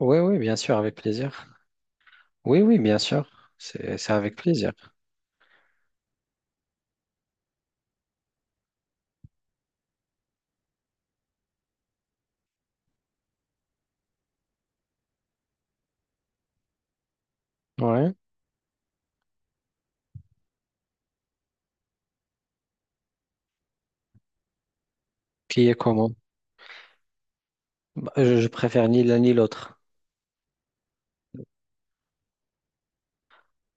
Oui, oui, bien sûr, avec plaisir. Oui, oui, bien sûr. C'est avec plaisir. Ouais. Qui est comment? Bah, je préfère ni l'un ni l'autre.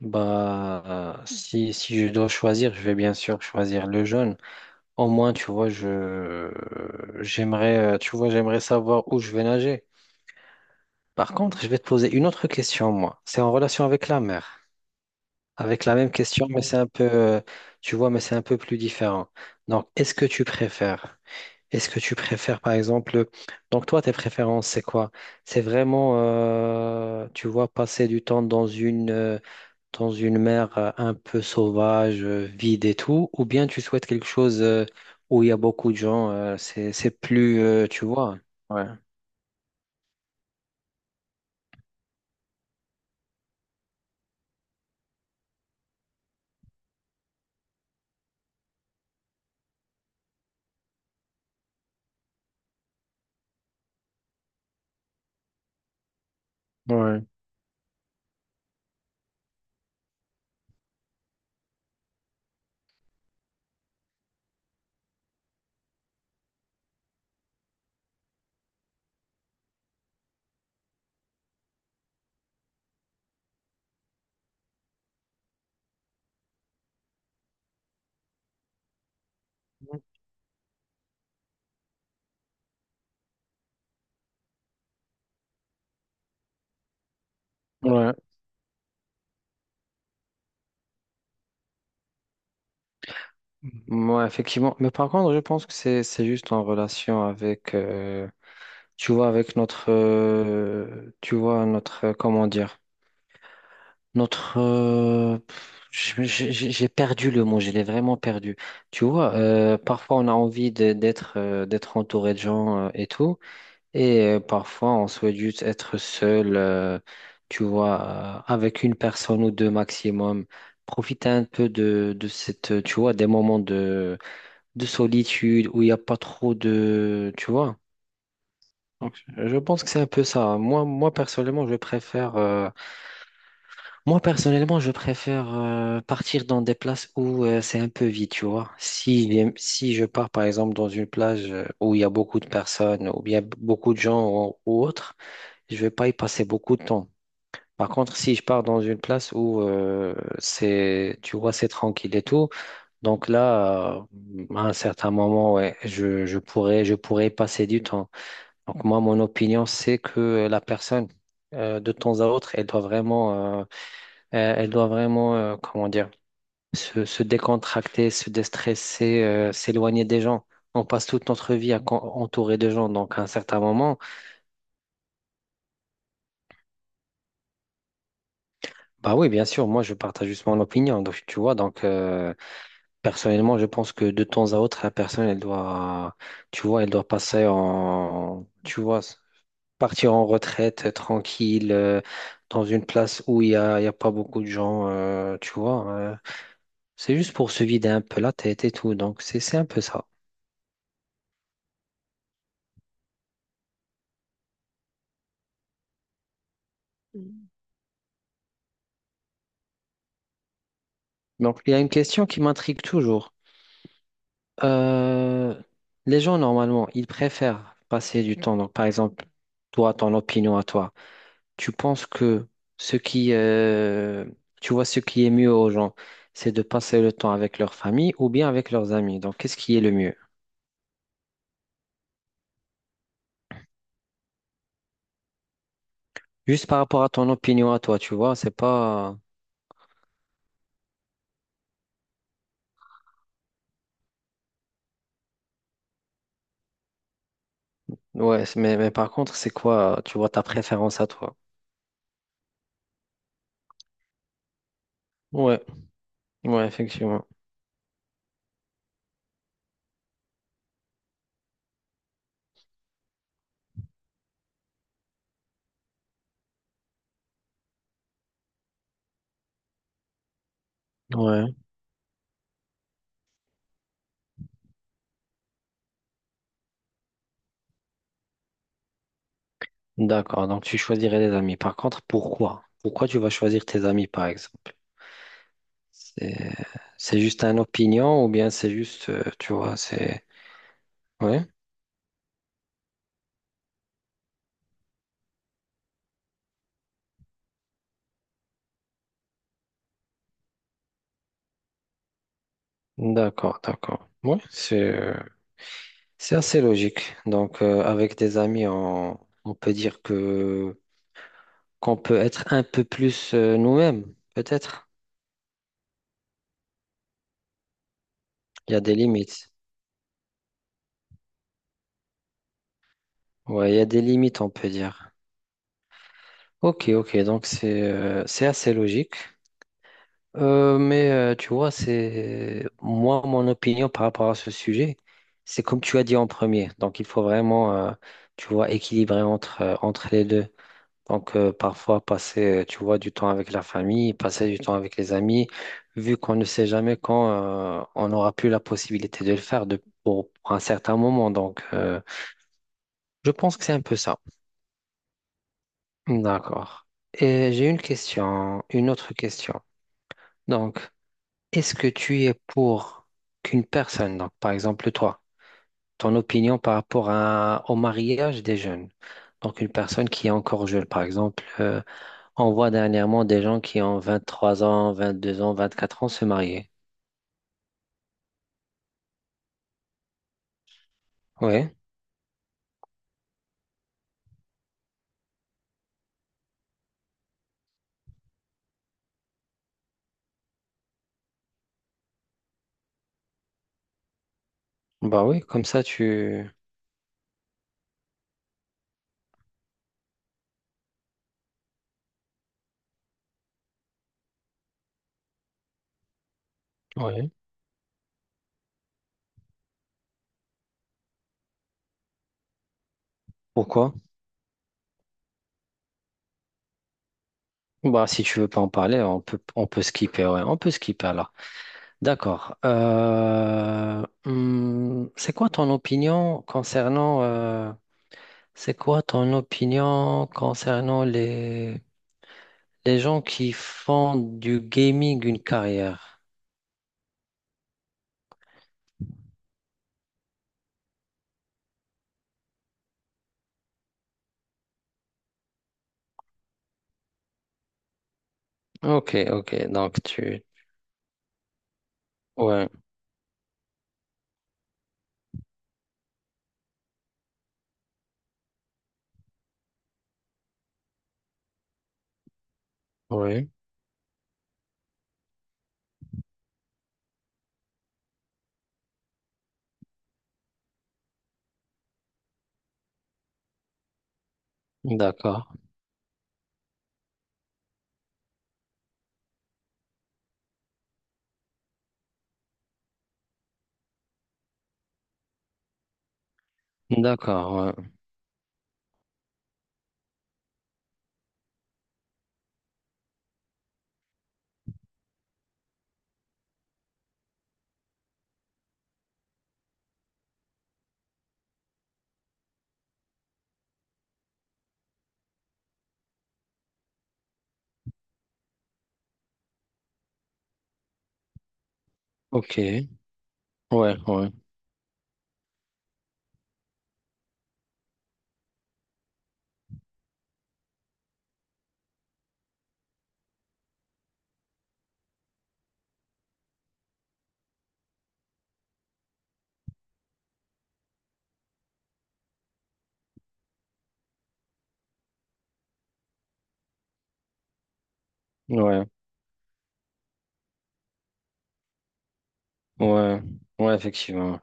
Bah, si je dois choisir, je vais bien sûr choisir le jaune. Au moins, tu vois, je, j'aimerais, tu vois, j'aimerais savoir où je vais nager. Par contre, je vais te poser une autre question, moi. C'est en relation avec la mer. Avec la même question, mais c'est un peu, tu vois, mais c'est un peu plus différent. Donc, est-ce que tu préfères. Est-ce que tu préfères, par exemple, donc toi, tes préférences, c'est quoi? C'est vraiment, tu vois, passer du temps dans une mer un peu sauvage, vide et tout, ou bien tu souhaites quelque chose, où il y a beaucoup de gens, c'est plus, tu vois. Ouais. Ouais, ouais, ouais, effectivement. Mais par contre, je pense que c'est juste en relation avec, tu vois, avec notre, tu vois, notre, comment dire? Notre, j'ai perdu le mot, je l'ai vraiment perdu. Tu vois, parfois on a envie d'être d'être entouré de gens et tout, et parfois on souhaite juste être seul, tu vois, avec une personne ou deux maximum. Profiter un peu de cette, tu vois, des moments de solitude où il n'y a pas trop de, tu vois. Donc, je pense que c'est un peu ça. Moi, personnellement, je préfère. Moi, personnellement, je préfère partir dans des places où c'est un peu vide, tu vois. Si, si je pars, par exemple, dans une plage où il y a beaucoup de personnes, ou bien beaucoup de gens ou autre, je vais pas y passer beaucoup de temps. Par contre, si je pars dans une place où c'est, tu vois, c'est tranquille et tout, donc là, à un certain moment, ouais, je pourrais passer du temps. Donc moi, mon opinion, c'est que la personne, de temps à autre, elle doit vraiment, comment dire, se décontracter, se déstresser, s'éloigner des gens. On passe toute notre vie à entouré de gens, donc à un certain moment, bah oui, bien sûr, moi je partage juste mon opinion, donc tu vois, donc personnellement, je pense que de temps à autre, la personne, elle doit, tu vois, elle doit passer en, tu vois, partir en retraite tranquille, dans une place où il y a pas beaucoup de gens, tu vois, c'est juste pour se vider un peu la tête et tout, donc c'est un peu ça. Donc, il y a une question qui m'intrigue toujours. Euh, les gens, normalement, ils préfèrent passer du temps. Donc, par exemple, toi, ton opinion à toi, tu penses que ce qui, tu vois, ce qui est mieux aux gens, c'est de passer le temps avec leur famille ou bien avec leurs amis. Donc, qu'est-ce qui est le mieux? Juste par rapport à ton opinion à toi, tu vois, c'est pas... Ouais, c'est- mais par contre, c'est quoi, tu vois, ta préférence à toi? Ouais, ouais, effectivement. Ouais. D'accord, donc tu choisirais des amis. Par contre, pourquoi? Pourquoi tu vas choisir tes amis, par exemple? C'est c'est juste une opinion ou bien c'est juste, tu vois, c'est... Ouais, d'accord, d'accord. Ouais, c'est assez logique. Donc, avec des amis, on peut dire que qu'on peut être un peu plus nous-mêmes, peut-être. Il y a des limites. Ouais, il y a des limites, on peut dire. Ok, ok, donc c'est assez logique. Mais tu vois, c'est moi, mon opinion par rapport à ce sujet, c'est comme tu as dit en premier. Donc, il faut vraiment, tu vois, équilibrer entre, entre les deux. Donc, parfois, passer, tu vois, du temps avec la famille, passer du temps avec les amis, vu qu'on ne sait jamais quand on n'aura plus la possibilité de le faire de, pour un certain moment. Donc, je pense que c'est un peu ça. D'accord. Et j'ai une question, une autre question. Donc, est-ce que tu es pour qu'une personne, donc par exemple toi, ton opinion par rapport à- au mariage des jeunes, donc une personne qui est encore jeune, par exemple, on voit dernièrement des gens qui ont 23 ans, 22 ans, 24 ans se marier. Oui, bah oui, comme ça tu... Oui. Pourquoi? Bah si tu veux pas en parler, on peut skipper, ouais, on peut skipper alors. D'accord. C'est quoi ton opinion concernant... c'est quoi ton opinion concernant les gens qui font du gaming une carrière? Ok, ok, donc tu... Ouais, ouais, d'accord, d'accord, ouais, ok, ouais, ouais, ouais, ouais, effectivement.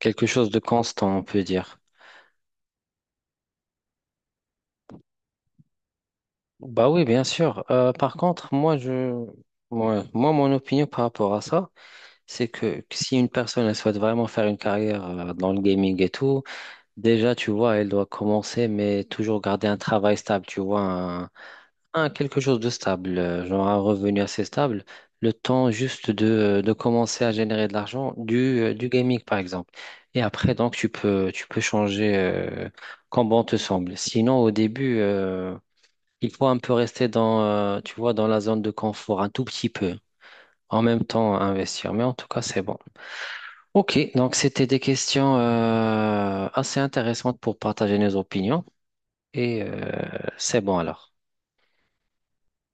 Quelque chose de constant, on peut dire. Bah oui, bien sûr. Par contre, moi, je... ouais, moi, mon opinion par rapport à ça, c'est que si une personne elle souhaite vraiment faire une carrière dans le gaming et tout, déjà, tu vois, elle doit commencer, mais toujours garder un travail stable, tu vois, un quelque chose de stable, genre un revenu assez stable, le temps juste de commencer à générer de l'argent du gaming, par exemple. Et après, donc, tu peux changer quand bon te semble. Sinon, au début, il faut un peu rester dans, tu vois, dans la zone de confort, un tout petit peu, en même temps investir. Mais en tout cas, c'est bon. Ok, donc c'était des questions assez intéressantes pour partager nos opinions. Et c'est bon alors.